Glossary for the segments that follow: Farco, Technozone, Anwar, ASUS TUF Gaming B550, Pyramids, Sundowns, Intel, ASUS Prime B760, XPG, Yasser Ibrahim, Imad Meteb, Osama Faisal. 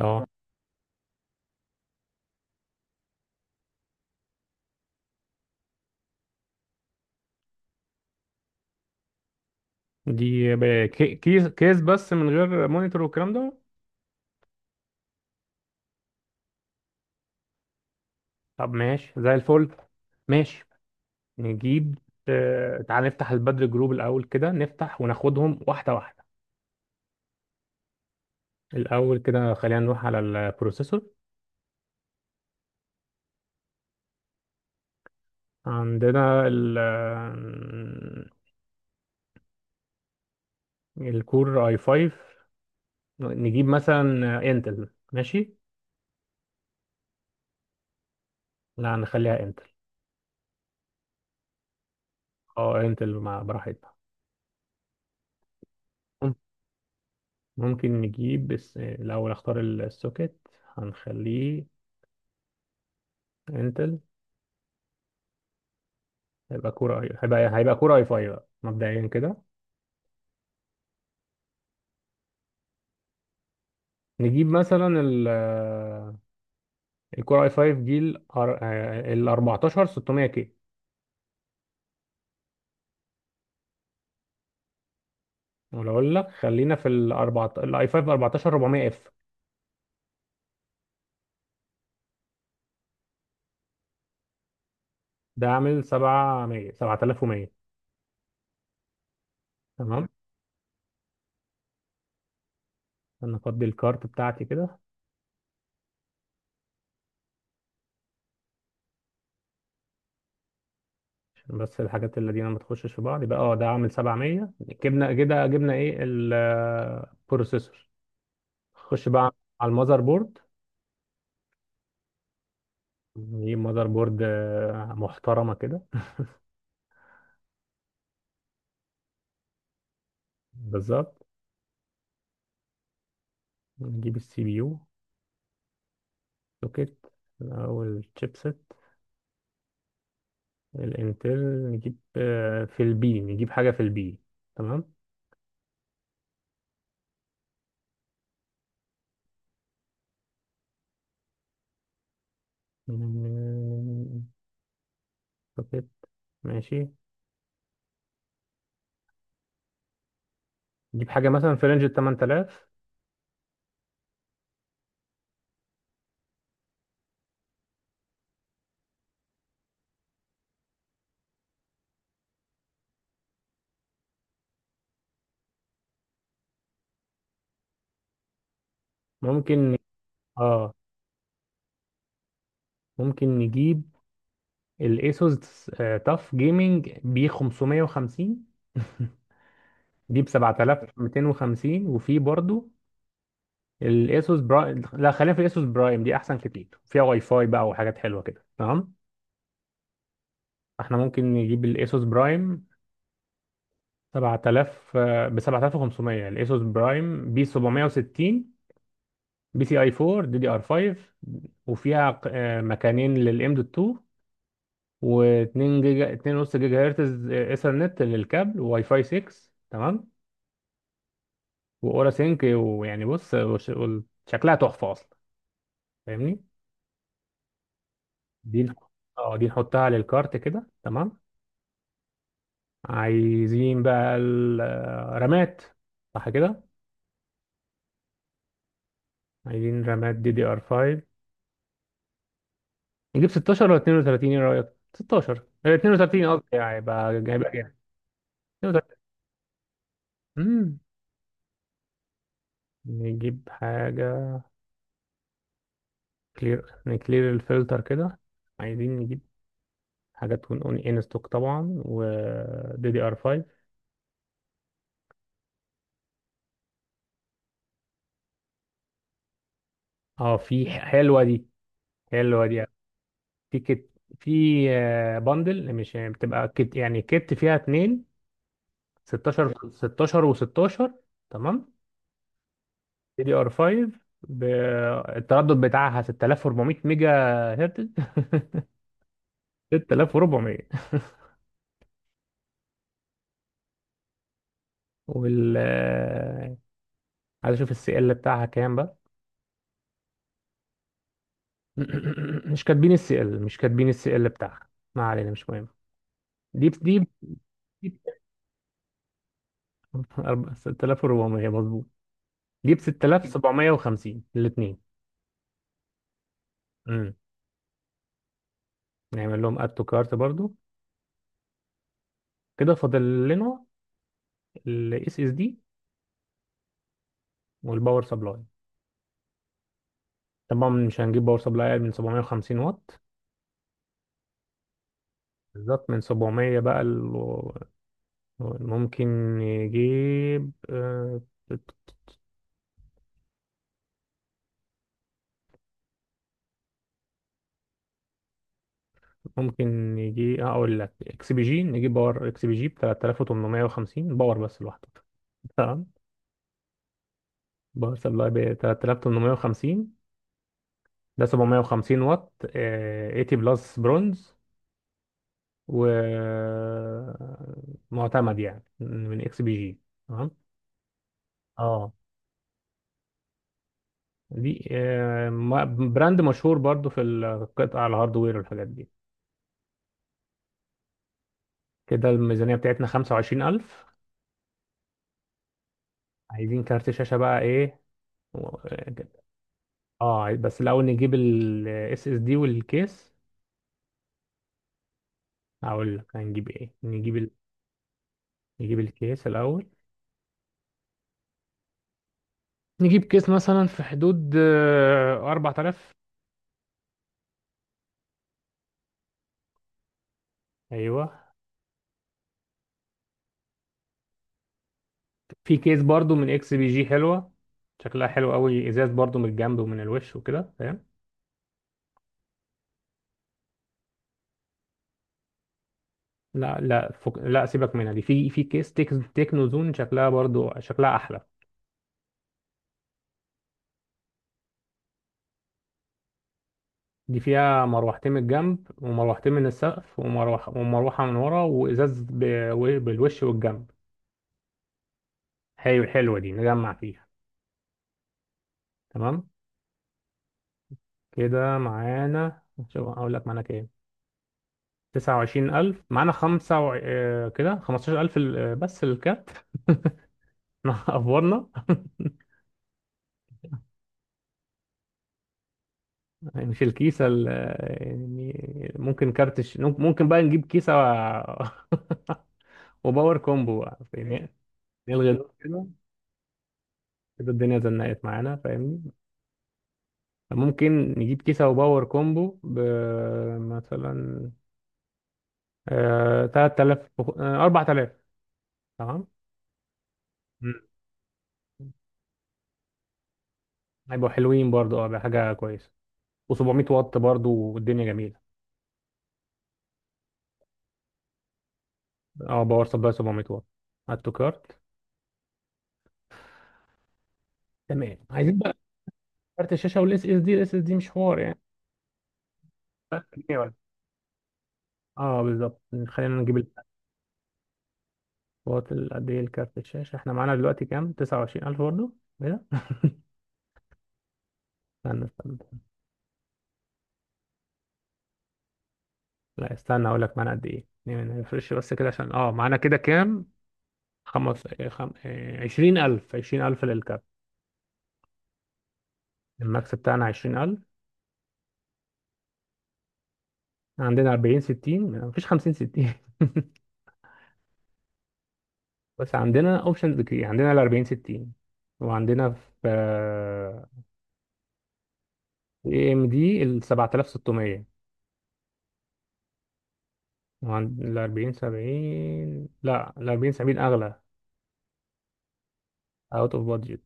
اه، دي كيس بس من غير مونيتور والكلام ده. طب ماشي زي الفل. ماشي. نجيب. تعال نفتح البدر جروب الاول كده، نفتح وناخدهم واحده واحده. الاول كده خلينا نروح على البروسيسور. عندنا ال الكور اي 5. نجيب مثلا انتل. ماشي. لا نخليها انتل. اه انتل مع براحتنا. مم- ممكن نجيب بس الاول اختار السوكت. هنخليه انتل. هيبقى كورة اي 5 بقى مبدئيا كده. نجيب مثلا ال الكورة اي 5 دي ال أر- آه، ال 14 600 كي. ولا اقول لك خلينا في ال 4 الاي 5 14 400 اف. ده عامل 700 7100. تمام. انا افضي الكارت بتاعتي كده عشان بس الحاجات اللي دي ما تخشش في بعض. يبقى ده عامل 700. جبنا كده، جبنا ايه؟ البروسيسور. خش بقى على المذر بورد. نجيب مذر بورد محترمة كده. بالظبط. نجيب السي بي يو. سوكت. الأول تشيبسيت الانتل. نجيب في البي، نجيب حاجة في البي. تمام. سوكت. ماشي. نجيب حاجة مثلا في رينج ال 8000. ممكن ن- اه، ممكن نجيب الايسوس تاف جيمنج بي 550. دي ب 7250، وفي برضو الايسوس برايم. لا خلينا في الايسوس برايم، دي احسن كتير، فيها واي فاي بقى وحاجات حلوة كده. تمام. احنا ممكن نجيب الاسوس برايم 7000 آه، ب 7500، الاسوس برايم بي 760 بي سي اي 4 دي دي ار 5، وفيها مكانين للام دوت 2، و2 جيجا 2.5 جيجا هرتز ايثرنت للكابل، وواي فاي 6. تمام. واورا سينك. ويعني بص شكلها تحفه اصلا، فاهمني؟ دي نح- اه دي نحطها للكارت كده. تمام. عايزين بقى الرامات، صح كده؟ عايزين رامات دي دي ار 5. نجيب 16 ولا 32؟ ايه رأيك؟ 16 آه، 32 قصدي. يعني هيبقى جامد. 32. امم نجيب حاجة كلير، نكلير الفلتر كده. عايزين نجيب حاجة تكون اون ان ستوك طبعا، و دي دي ار 5. اه في حلوة دي، حلوة دي. في كت، في بندل، مش يعني، بتبقى كت يعني. كت فيها اتنين 16، 16 و16. تمام. دي دي ار 5، التردد بتاعها 6400 ميجا هرتز. 6400. وال عايز اشوف السي ال بتاعها كام بقى. مش كاتبين السي ال، مش كاتبين السي ال بتاعها. ما علينا، مش مهم. دي ب- دي ب- دي 6400 مظبوط. دي ب 6750 الاثنين. امم نعمل لهم اد تو كارت برضو. كده فاضل لنا الاس اس دي والباور سبلاي. طبعا مش هنجيب باور سبلاي أقل من 750 واط. بالظبط. من 700 بقى ال- ممكن نجيب ممكن يجي اقول لك اكس بي جي، نجيب باور اكس بي جي ب 3850، باور بس لوحده. تمام. باور سبلاي ب 3850، ده 750 واط 80 بلس برونز، ومعتمد يعني من اكس بي جي. تمام. اه دي براند مشهور برضو في القطع الهاردوير والحاجات دي. كده الميزانية بتاعتنا 25,000. عايزين كارت شاشة بقى، ايه؟ اه بس الاول نجيب الاس اس دي والكيس. هقول لك هنجيب ايه، نجيب الكيس الاول. نجيب كيس مثلا في حدود 4,000. ايوه، في كيس برضو من اكس بي جي حلوه، شكلها حلو قوي، ازاز برضو من الجنب ومن الوش وكده، فاهم؟ لا، سيبك منها دي. في كيس تكنو زون شكلها برضو، شكلها احلى. دي فيها مروحتين من الجنب، ومروحتين من السقف، ومروحه من ورا، وازاز بالوش والجنب. حلو، حلوه دي، نجمع فيها. تمام. كده معانا. شوف اقول لك معانا كام. 29,000 معانا. خمسة وع... آه، كده 15,000 بس الكارت. احنا افورنا. مش الكيسة ال- آه، يعني ممكن ممكن بقى نجيب وباور كومبو بقى، فاهمني؟ نلغي دول كده. كده الدنيا زنقت معانا، فاهمني؟ ممكن نجيب كيسة وباور كومبو ب، مثلا آه، 3000 وخ- آه، 4,000. تمام. مم. هيبقوا حلوين برضو، اه حاجة كويسة. و700 واط برضو، والدنيا جميله. اه باور سبلاي 700 واط على التوكارت. تمام. عايزين بقى كارت الشاشه والاس اس دي. الاس اس دي مش حوار يعني. ثلاث جنيه ولا. اه بالظبط. خلينا نجيب قد ايه الكارت الشاشه؟ احنا معانا دلوقتي كام؟ 29,000 برضه كده. استنى استنى. لا استنى اقول لك معانا قد ايه، يعني ما نفرش بس كده، عشان معانا كده كام. خمس إيه، خم... إيه، 20000 20,000 للكارت. الماكس بتاعنا 20,000. عندنا 40 60، مفيش 50 60. بس عندنا اوبشنز كتير، عندنا ال 40 60، وعندنا في اي ام دي ال 7600، وعند ال 40 70. لا ال 40 70 اغلى، اوت اوف بادجت.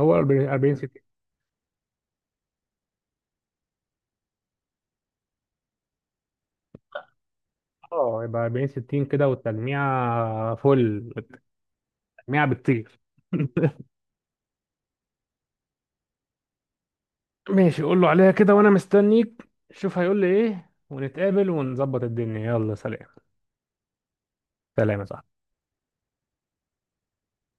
هو 40 60. اه يبقى 40 60 كده، والتلميع فل. التلميع بتطير. ماشي قول له عليها كده، وانا مستنيك. شوف هيقول لي ايه ونتقابل ونظبط الدنيا. يلا سلام. سلام يا صاحبي.